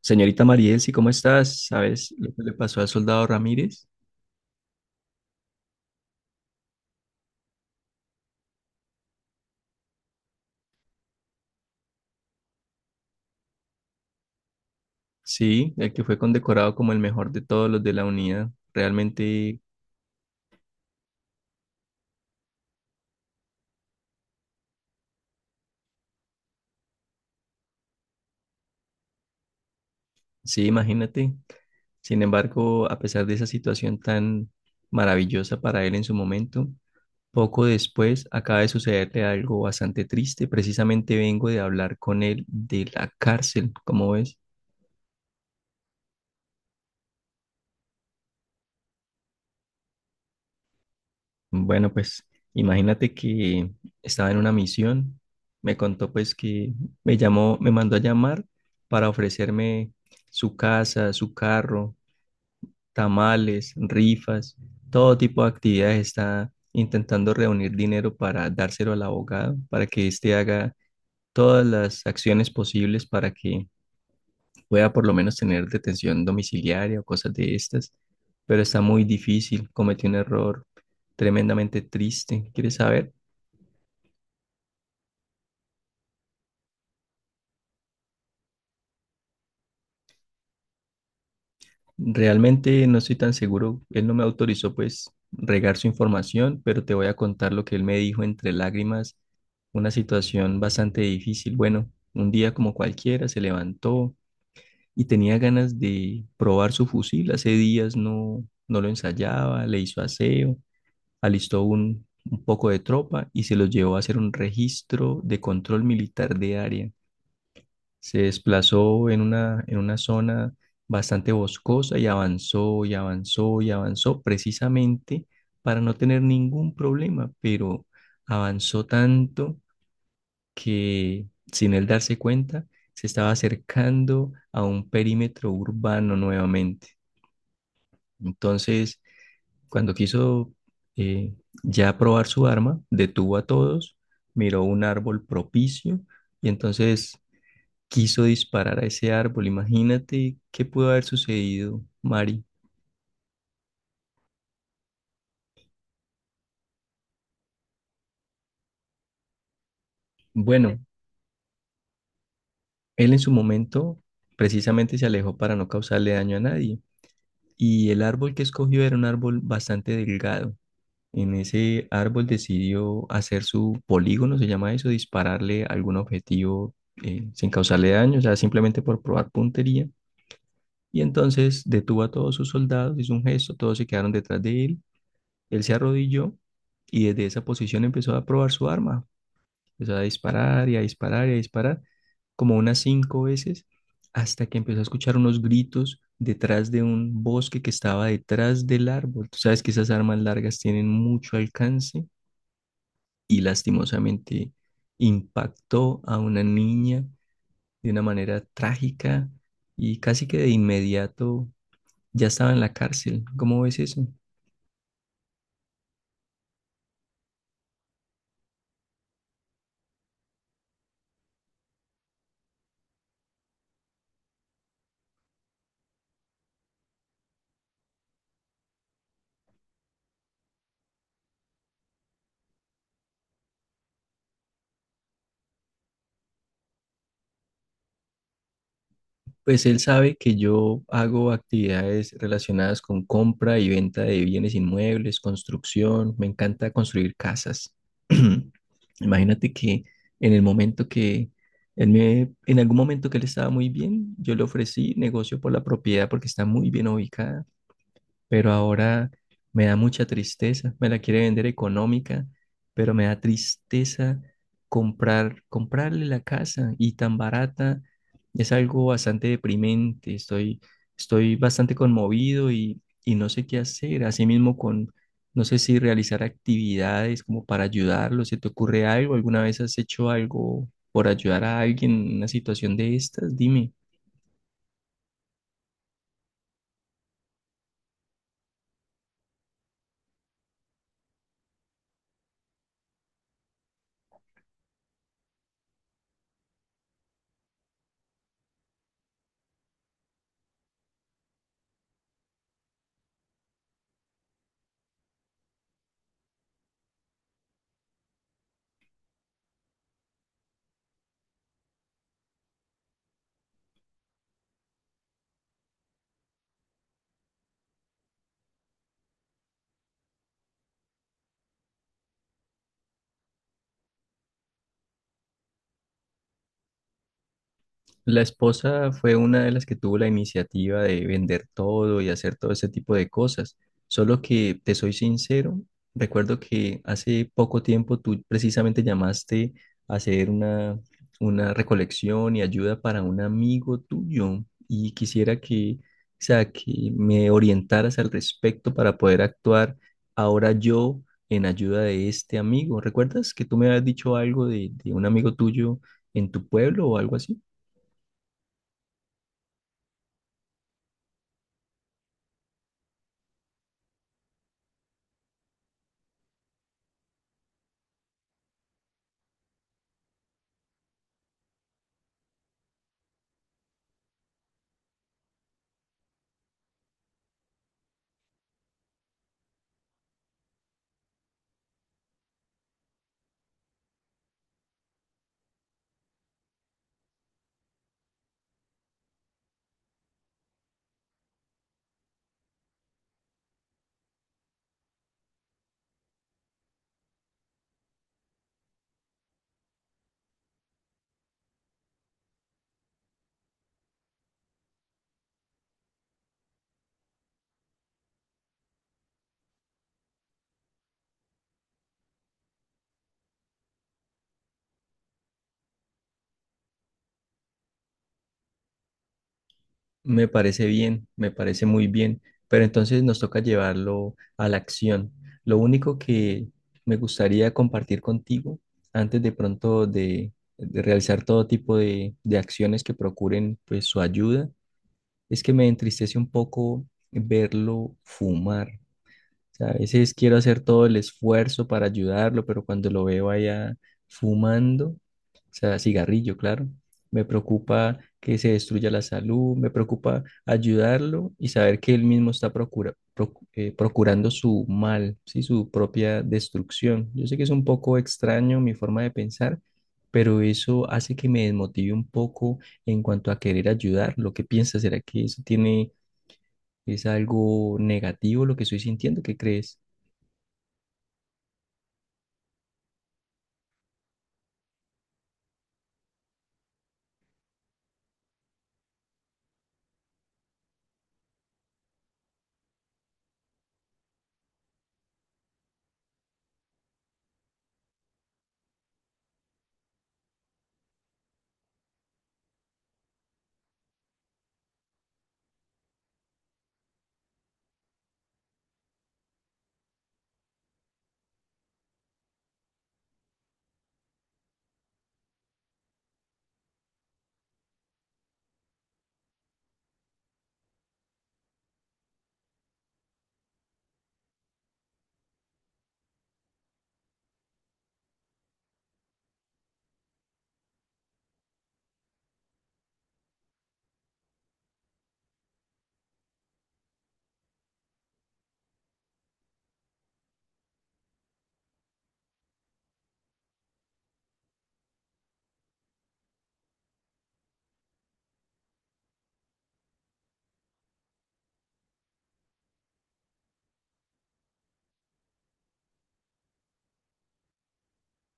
Señorita Mariel, sí, ¿cómo estás? ¿Sabes lo que le pasó al soldado Ramírez? Sí, el que fue condecorado como el mejor de todos los de la unidad. Realmente, sí, imagínate. Sin embargo, a pesar de esa situación tan maravillosa para él en su momento, poco después acaba de sucederle algo bastante triste. Precisamente vengo de hablar con él de la cárcel, ¿cómo ves? Bueno, pues imagínate que estaba en una misión, me contó pues que me llamó, me mandó a llamar para ofrecerme su casa, su carro, tamales, rifas, todo tipo de actividades. Está intentando reunir dinero para dárselo al abogado, para que éste haga todas las acciones posibles para que pueda por lo menos tener detención domiciliaria o cosas de estas, pero está muy difícil, cometió un error tremendamente triste. ¿Quieres saber? Realmente no estoy tan seguro. Él no me autorizó pues regar su información, pero te voy a contar lo que él me dijo entre lágrimas. Una situación bastante difícil. Bueno, un día como cualquiera se levantó y tenía ganas de probar su fusil. Hace días no lo ensayaba, le hizo aseo, alistó un poco de tropa y se los llevó a hacer un registro de control militar de área. Se desplazó en una zona bastante boscosa y avanzó y avanzó y avanzó precisamente para no tener ningún problema, pero avanzó tanto que sin él darse cuenta se estaba acercando a un perímetro urbano nuevamente. Entonces, cuando quiso eh, ya probar su arma, detuvo a todos, miró un árbol propicio y entonces quiso disparar a ese árbol. Imagínate qué pudo haber sucedido, Mari. Bueno, él en su momento precisamente se alejó para no causarle daño a nadie. Y el árbol que escogió era un árbol bastante delgado. En ese árbol decidió hacer su polígono, se llama eso, dispararle a algún objetivo sin causarle daño, o sea, simplemente por probar puntería. Y entonces detuvo a todos sus soldados, hizo un gesto, todos se quedaron detrás de él. Él se arrodilló y desde esa posición empezó a probar su arma. Empezó a disparar y a disparar y a disparar, como unas cinco veces, hasta que empezó a escuchar unos gritos detrás de un bosque que estaba detrás del árbol. Tú sabes que esas armas largas tienen mucho alcance y lastimosamente impactó a una niña de una manera trágica y casi que de inmediato ya estaba en la cárcel. ¿Cómo ves eso? Pues él sabe que yo hago actividades relacionadas con compra y venta de bienes inmuebles, construcción, me encanta construir casas. Imagínate que en el momento que él me, en algún momento que él estaba muy bien, yo le ofrecí negocio por la propiedad porque está muy bien ubicada pero ahora me da mucha tristeza. Me la quiere vender económica, pero me da tristeza comprar, comprarle la casa y tan barata. Es algo bastante deprimente. Estoy, estoy bastante conmovido y no sé qué hacer. Asimismo con, no sé si realizar actividades como para ayudarlo. ¿Se te ocurre algo? ¿Alguna vez has hecho algo por ayudar a alguien en una situación de estas? Dime. La esposa fue una de las que tuvo la iniciativa de vender todo y hacer todo ese tipo de cosas. Solo que te soy sincero, recuerdo que hace poco tiempo tú precisamente llamaste a hacer una recolección y ayuda para un amigo tuyo y quisiera que, o sea, que me orientaras al respecto para poder actuar ahora yo en ayuda de este amigo. ¿Recuerdas que tú me habías dicho algo de un amigo tuyo en tu pueblo o algo así? Me parece bien, me parece muy bien, pero entonces nos toca llevarlo a la acción. Lo único que me gustaría compartir contigo antes de pronto de realizar todo tipo de acciones que procuren pues su ayuda, es que me entristece un poco verlo fumar sea, a veces quiero hacer todo el esfuerzo para ayudarlo, pero cuando lo veo allá fumando, o sea, cigarrillo, claro, me preocupa que se destruya la salud, me preocupa ayudarlo y saber que él mismo está procurando su mal, ¿sí? Su propia destrucción. Yo sé que es un poco extraño mi forma de pensar, pero eso hace que me desmotive un poco en cuanto a querer ayudar. ¿Lo que piensas? ¿Será que eso tiene, es algo negativo lo que estoy sintiendo? ¿Qué crees?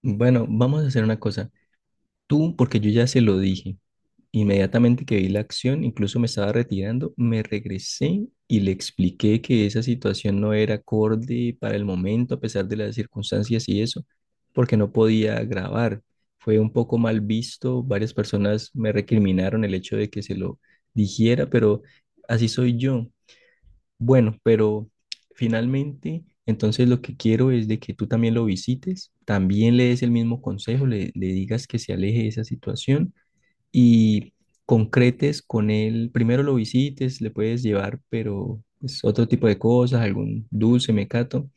Bueno, vamos a hacer una cosa. Tú, porque yo ya se lo dije, inmediatamente que vi la acción, incluso me estaba retirando, me regresé y le expliqué que esa situación no era acorde para el momento, a pesar de las circunstancias y eso, porque no podía grabar. Fue un poco mal visto, varias personas me recriminaron el hecho de que se lo dijera, pero así soy yo. Bueno, pero finalmente, entonces lo que quiero es de que tú también lo visites, también le des el mismo consejo, le digas que se aleje de esa situación y concretes con él. Primero lo visites, le puedes llevar, pero pues, otro tipo de cosas, algún dulce, mecato,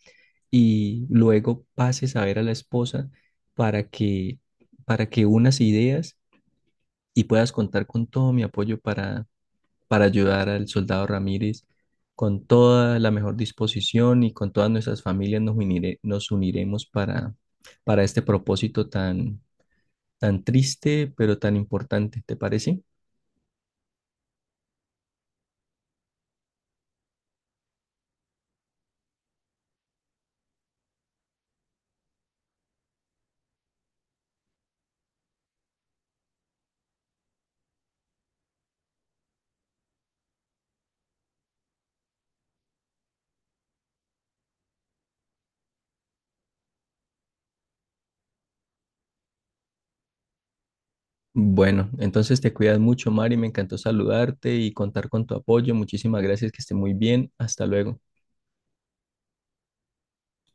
y luego pases a ver a la esposa para que, para que unas ideas y puedas contar con todo mi apoyo para ayudar al soldado Ramírez. Con toda la mejor disposición y con todas nuestras familias nos uniremos para este propósito tan, tan triste, pero tan importante, ¿te parece? Bueno, entonces te cuidas mucho, Mari. Me encantó saludarte y contar con tu apoyo. Muchísimas gracias, que esté muy bien. Hasta luego.